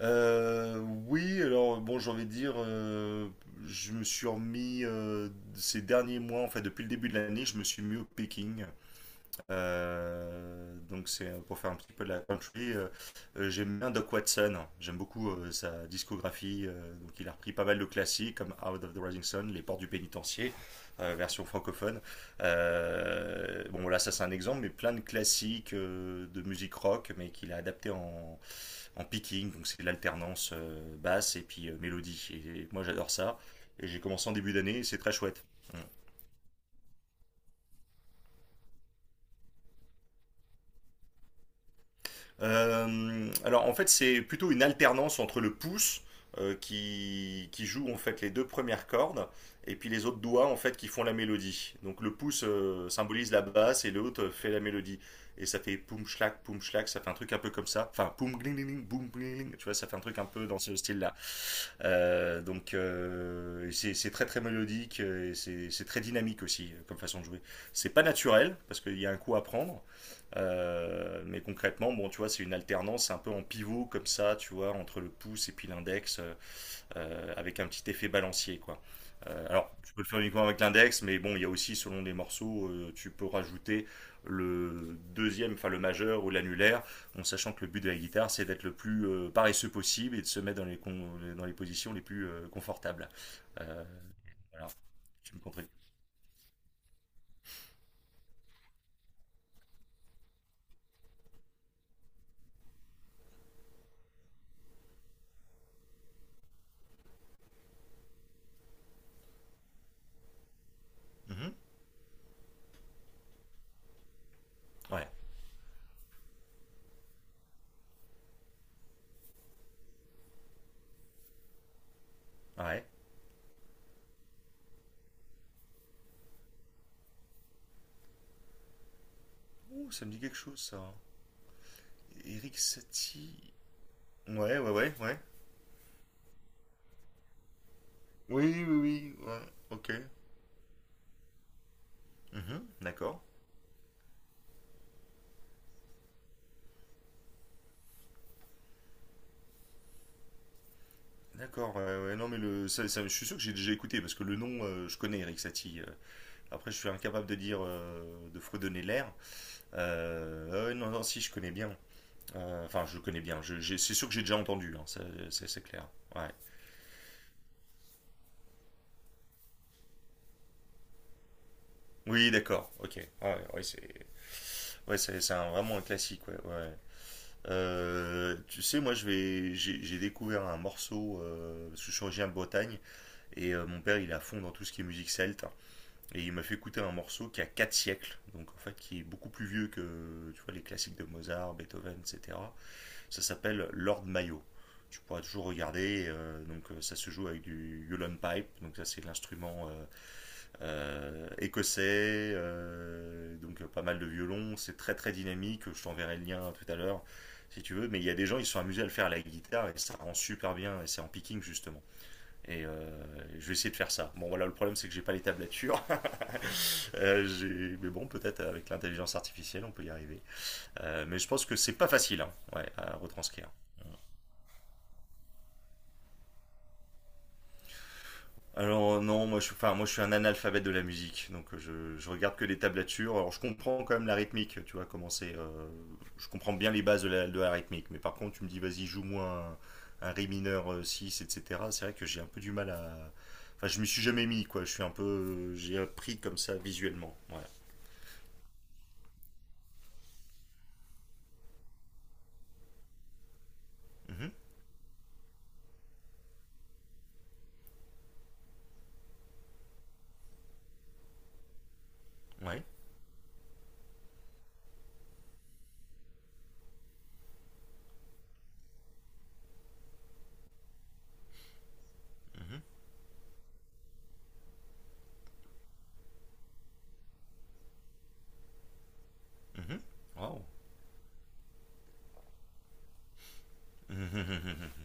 Euh, oui, alors bon, j'ai envie de dire, je me suis remis ces derniers mois, en fait, depuis le début de l'année, je me suis mis au picking. Donc c'est pour faire un petit peu de la country. J'aime bien Doc Watson, j'aime beaucoup sa discographie. Donc il a repris pas mal de classiques comme Out of the Rising Sun, Les Portes du Pénitencier, version francophone. Bon, là, ça c'est un exemple, mais plein de classiques de musique rock, mais qu'il a adapté en en picking, donc c'est l'alternance basse et puis mélodie. Et moi j'adore ça. Et j'ai commencé en début d'année et c'est très chouette. Mm. Alors en fait c'est plutôt une alternance entre le pouce qui joue en fait les deux premières cordes et puis les autres doigts en fait qui font la mélodie. Donc le pouce symbolise la basse et l'autre fait la mélodie. Et ça fait poum schlac, ça fait un truc un peu comme ça. Enfin poum gling gling, boum gling gling, tu vois, ça fait un truc un peu dans ce style-là. C'est très très mélodique et c'est très dynamique aussi comme façon de jouer. C'est pas naturel parce qu'il y a un coup à prendre, mais concrètement, bon, tu vois, c'est une alternance un peu en pivot comme ça, tu vois, entre le pouce et puis l'index. Avec un petit effet balancier, quoi. Alors, tu peux le faire uniquement avec l'index, mais bon, il y a aussi, selon les morceaux, tu peux rajouter le deuxième, enfin le majeur ou l'annulaire, en sachant que le but de la guitare, c'est d'être le plus paresseux possible et de se mettre dans les, dans les positions les plus confortables. Euh, voilà, tu me contredis. Mhm. Ouais, ouais. Ouh, ça me dit quelque chose, ça. Eric Satie. Ouais, ouais, ouais, ouais. Oui, oui, oui, ouais, ok. Mhm, d'accord. D'accord, ouais, ouais, non mais le, ça- je suis sûr que j'ai déjà écouté parce que le nom, je connais Eric Satie. Après, je suis incapable de dire, de fredonner l'air. Ouais, non, non, si, je connais bien. Enfin, je connais bien. C'est sûr que j'ai déjà entendu, hein, ça, c'est clair. Ouais. Oui, d'accord. Ok. Ouais, ouais, c'est, ouais, c'est vraiment un classique. Ouais, ouais. Tu sais, moi, je vais, j'ai découvert un morceau. Parce que je suis originaire de Bretagne et mon père, il est à fond dans tout ce qui est musique celte. Et il m'a fait écouter un morceau qui a 4 siècles, donc en fait qui est beaucoup plus vieux que tu vois, les classiques de Mozart, Beethoven, etc. Ça s'appelle Lord Mayo. Tu pourras toujours regarder, ça se joue avec du Yulon Pipe, donc ça c'est l'instrument écossais, pas mal de violons, c'est très très dynamique, je t'enverrai le lien tout à l'heure si tu veux, mais il y a des gens ils se sont amusés à le faire à la guitare et ça rend super bien, et c'est en picking justement. Et euh, je vais essayer de faire ça. Bon voilà, le problème c'est que j'ai pas les tablatures, mais bon, peut-être avec l'intelligence artificielle, on peut y arriver. Mais je pense que c'est pas facile, hein, ouais, à retranscrire. Alors non, enfin, moi je suis un analphabète de la musique, donc je regarde que les tablatures. Alors je comprends quand même la rythmique, tu vois, comment c'est. Je comprends bien les bases de la rythmique, mais par contre tu me dis vas-y joue-moi un ré mineur 6, etc. C'est vrai que j'ai un peu du mal à. Enfin, je m'y suis jamais mis, quoi. Je suis un peu, j'ai appris comme ça visuellement. Ouais. Mhm. Ouais. Mhm. Mhm. Wow. Mhm.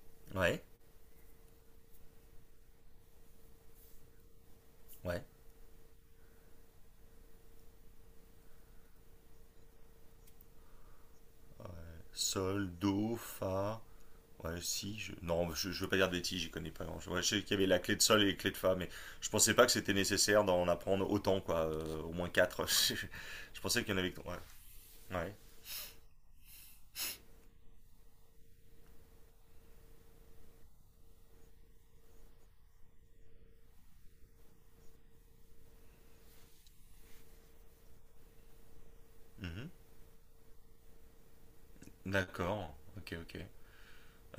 Ouais. Ouais. Sol, Do, Fa. Ouais, si. Je... Non, je veux pas dire de bêtises, j'y connais pas grand ouais, je sais qu'il y avait la clé de Sol et les clés de Fa, mais je pensais pas que c'était nécessaire d'en apprendre autant, quoi. Au moins quatre. Je pensais qu'il y en avait. Ouais. Ouais. Mhm. D'accord. Ok, ok.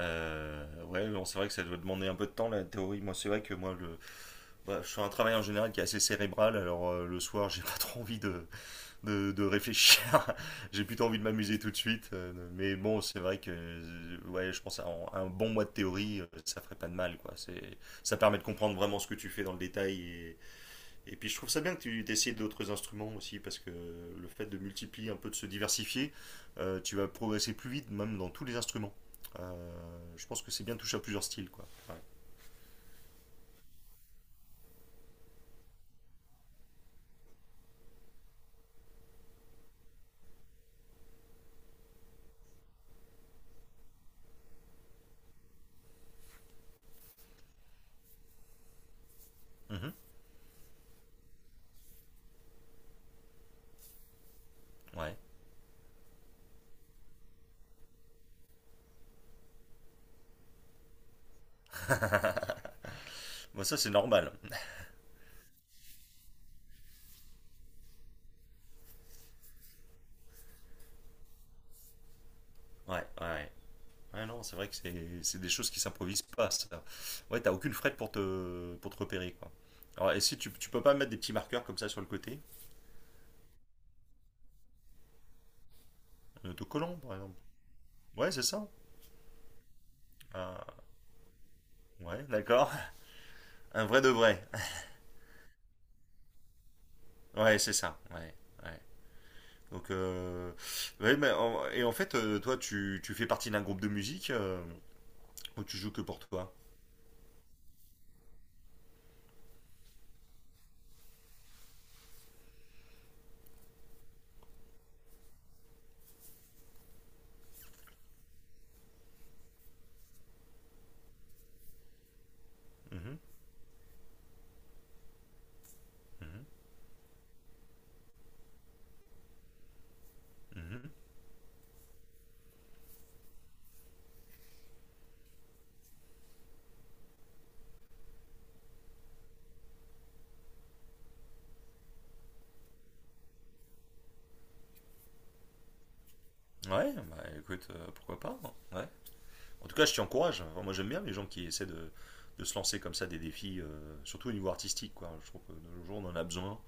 Ouais, bon, c'est vrai que ça doit demander un peu de temps la théorie. Moi, c'est vrai que moi, le, bah, je fais un travail en général qui est assez cérébral, alors le soir, j'ai pas trop envie de, de réfléchir. J'ai plutôt envie de m'amuser tout de suite. Mais bon, c'est vrai que ouais, je pense à un bon mois de théorie, ça ferait pas de mal, quoi. C'est, ça permet de comprendre vraiment ce que tu fais dans le détail. Et puis je trouve ça bien que tu essayes d'autres instruments aussi, parce que le fait de multiplier un peu, de se diversifier, tu vas progresser plus vite, même dans tous les instruments. Je pense que c'est bien de toucher à plusieurs styles, quoi. Ouais. Mhm. Ouais. Bon, ça c'est normal. Ouais, ouais. Ouais, non, c'est vrai que c'est des choses qui s'improvisent pas, ça. Ouais, t'as aucune frette pour te repérer, quoi. Alors, et si tu, tu peux pas mettre des petits marqueurs comme ça sur le côté? Un autocollant, par exemple. Ouais, c'est ça. Ah, ouais, d'accord. Un vrai de vrai. Ouais, c'est ça. Ouais, ouais. Donc, ouais, et en fait, toi, tu fais partie d'un groupe de musique où tu joues que pour toi. Mhm, mhm, mhm. Ouais, bah écoute, pourquoi pas, hein. Ouais. En tout cas, je t'y encourage. Enfin, moi, j'aime bien les gens qui essaient de se lancer comme ça des défis, surtout au niveau artistique. Quoi. Je trouve que de nos jours, on en a besoin.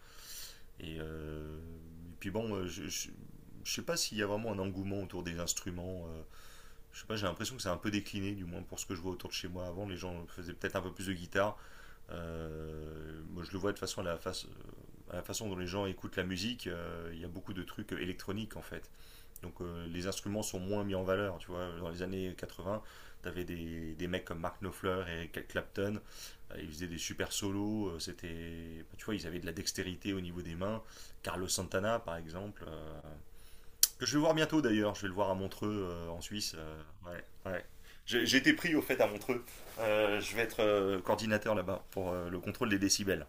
Et, euh, et puis bon, ne sais pas s'il y a vraiment un engouement autour des instruments. Je sais pas, j'ai l'impression que c'est un peu décliné, du moins pour ce que je vois autour de chez moi. Avant, les gens faisaient peut-être un peu plus de guitare. Moi, je le vois de façon à la, à la façon dont les gens écoutent la musique. Il y a beaucoup de trucs électroniques en fait. Donc les instruments sont moins mis en valeur, tu vois. Dans les années 80, t'avais des mecs comme Mark Knopfler et Cal Clapton, ils faisaient des super solos, c'était, bah, tu vois, ils avaient de la dextérité au niveau des mains. Carlos Santana, par exemple, que je vais voir bientôt d'ailleurs, je vais le voir à Montreux en Suisse. Ouais, ouais. J'ai été pris au fait à Montreux. Je vais être coordinateur là-bas pour le contrôle des décibels.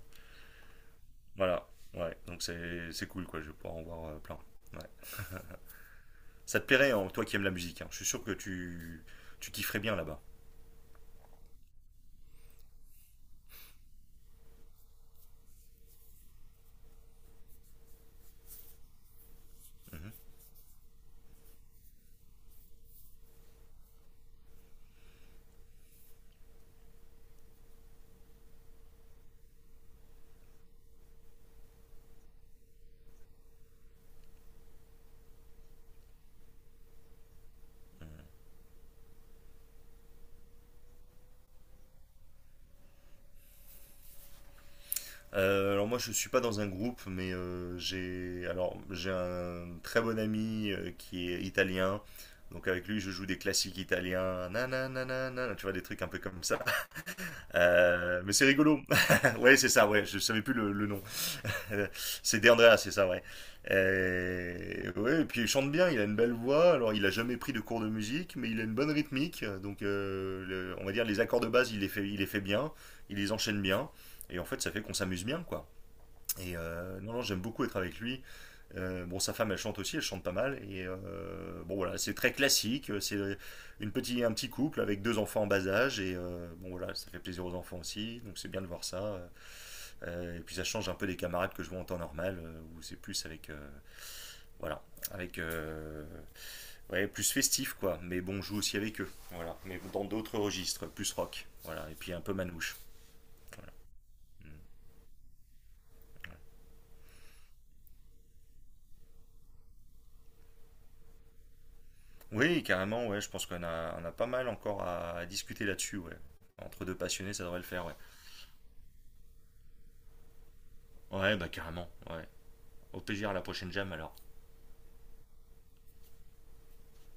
Voilà, ouais, donc c'est cool quoi, je vais pouvoir en voir plein. Ouais. Ça te plairait, hein, toi qui aimes la musique, hein. Je suis sûr que tu kifferais bien là-bas. Mhm. Alors moi, je suis pas dans un groupe, mais j'ai un très bon ami qui est italien. Donc avec lui, je joue des classiques italiens. Nananana, tu vois, des trucs un peu comme ça. Mais c'est rigolo. Ouais, c'est ça, ouais. Je savais plus le nom. C'est Deandra, c'est ça, ouais. Ouais, et puis il chante bien, il a une belle voix. Alors il a jamais pris de cours de musique, mais il a une bonne rythmique. Donc on va dire les accords de base, il les fait bien, il les enchaîne bien. Et en fait, ça fait qu'on s'amuse bien, quoi. Non, non, j'aime beaucoup être avec lui. Bon, sa femme, elle chante aussi, elle chante pas mal. Bon, voilà, c'est très classique. C'est un petit couple avec deux enfants en bas âge. Bon, voilà, ça fait plaisir aux enfants aussi. Donc, c'est bien de voir ça. Et puis, ça change un peu des camarades que je vois en temps normal, où c'est plus avec. Voilà, avec. Ouais, plus festif, quoi. Mais bon, je joue aussi avec eux. Voilà, mais dans d'autres registres, plus rock. Voilà, et puis un peu manouche. Mm. Oui, carrément, ouais, je pense qu'on a, on a pas mal encore à discuter là-dessus, ouais. Entre deux passionnés, ça devrait le faire, ouais. Ouais, bah carrément, ouais. Au plaisir à la prochaine jam alors.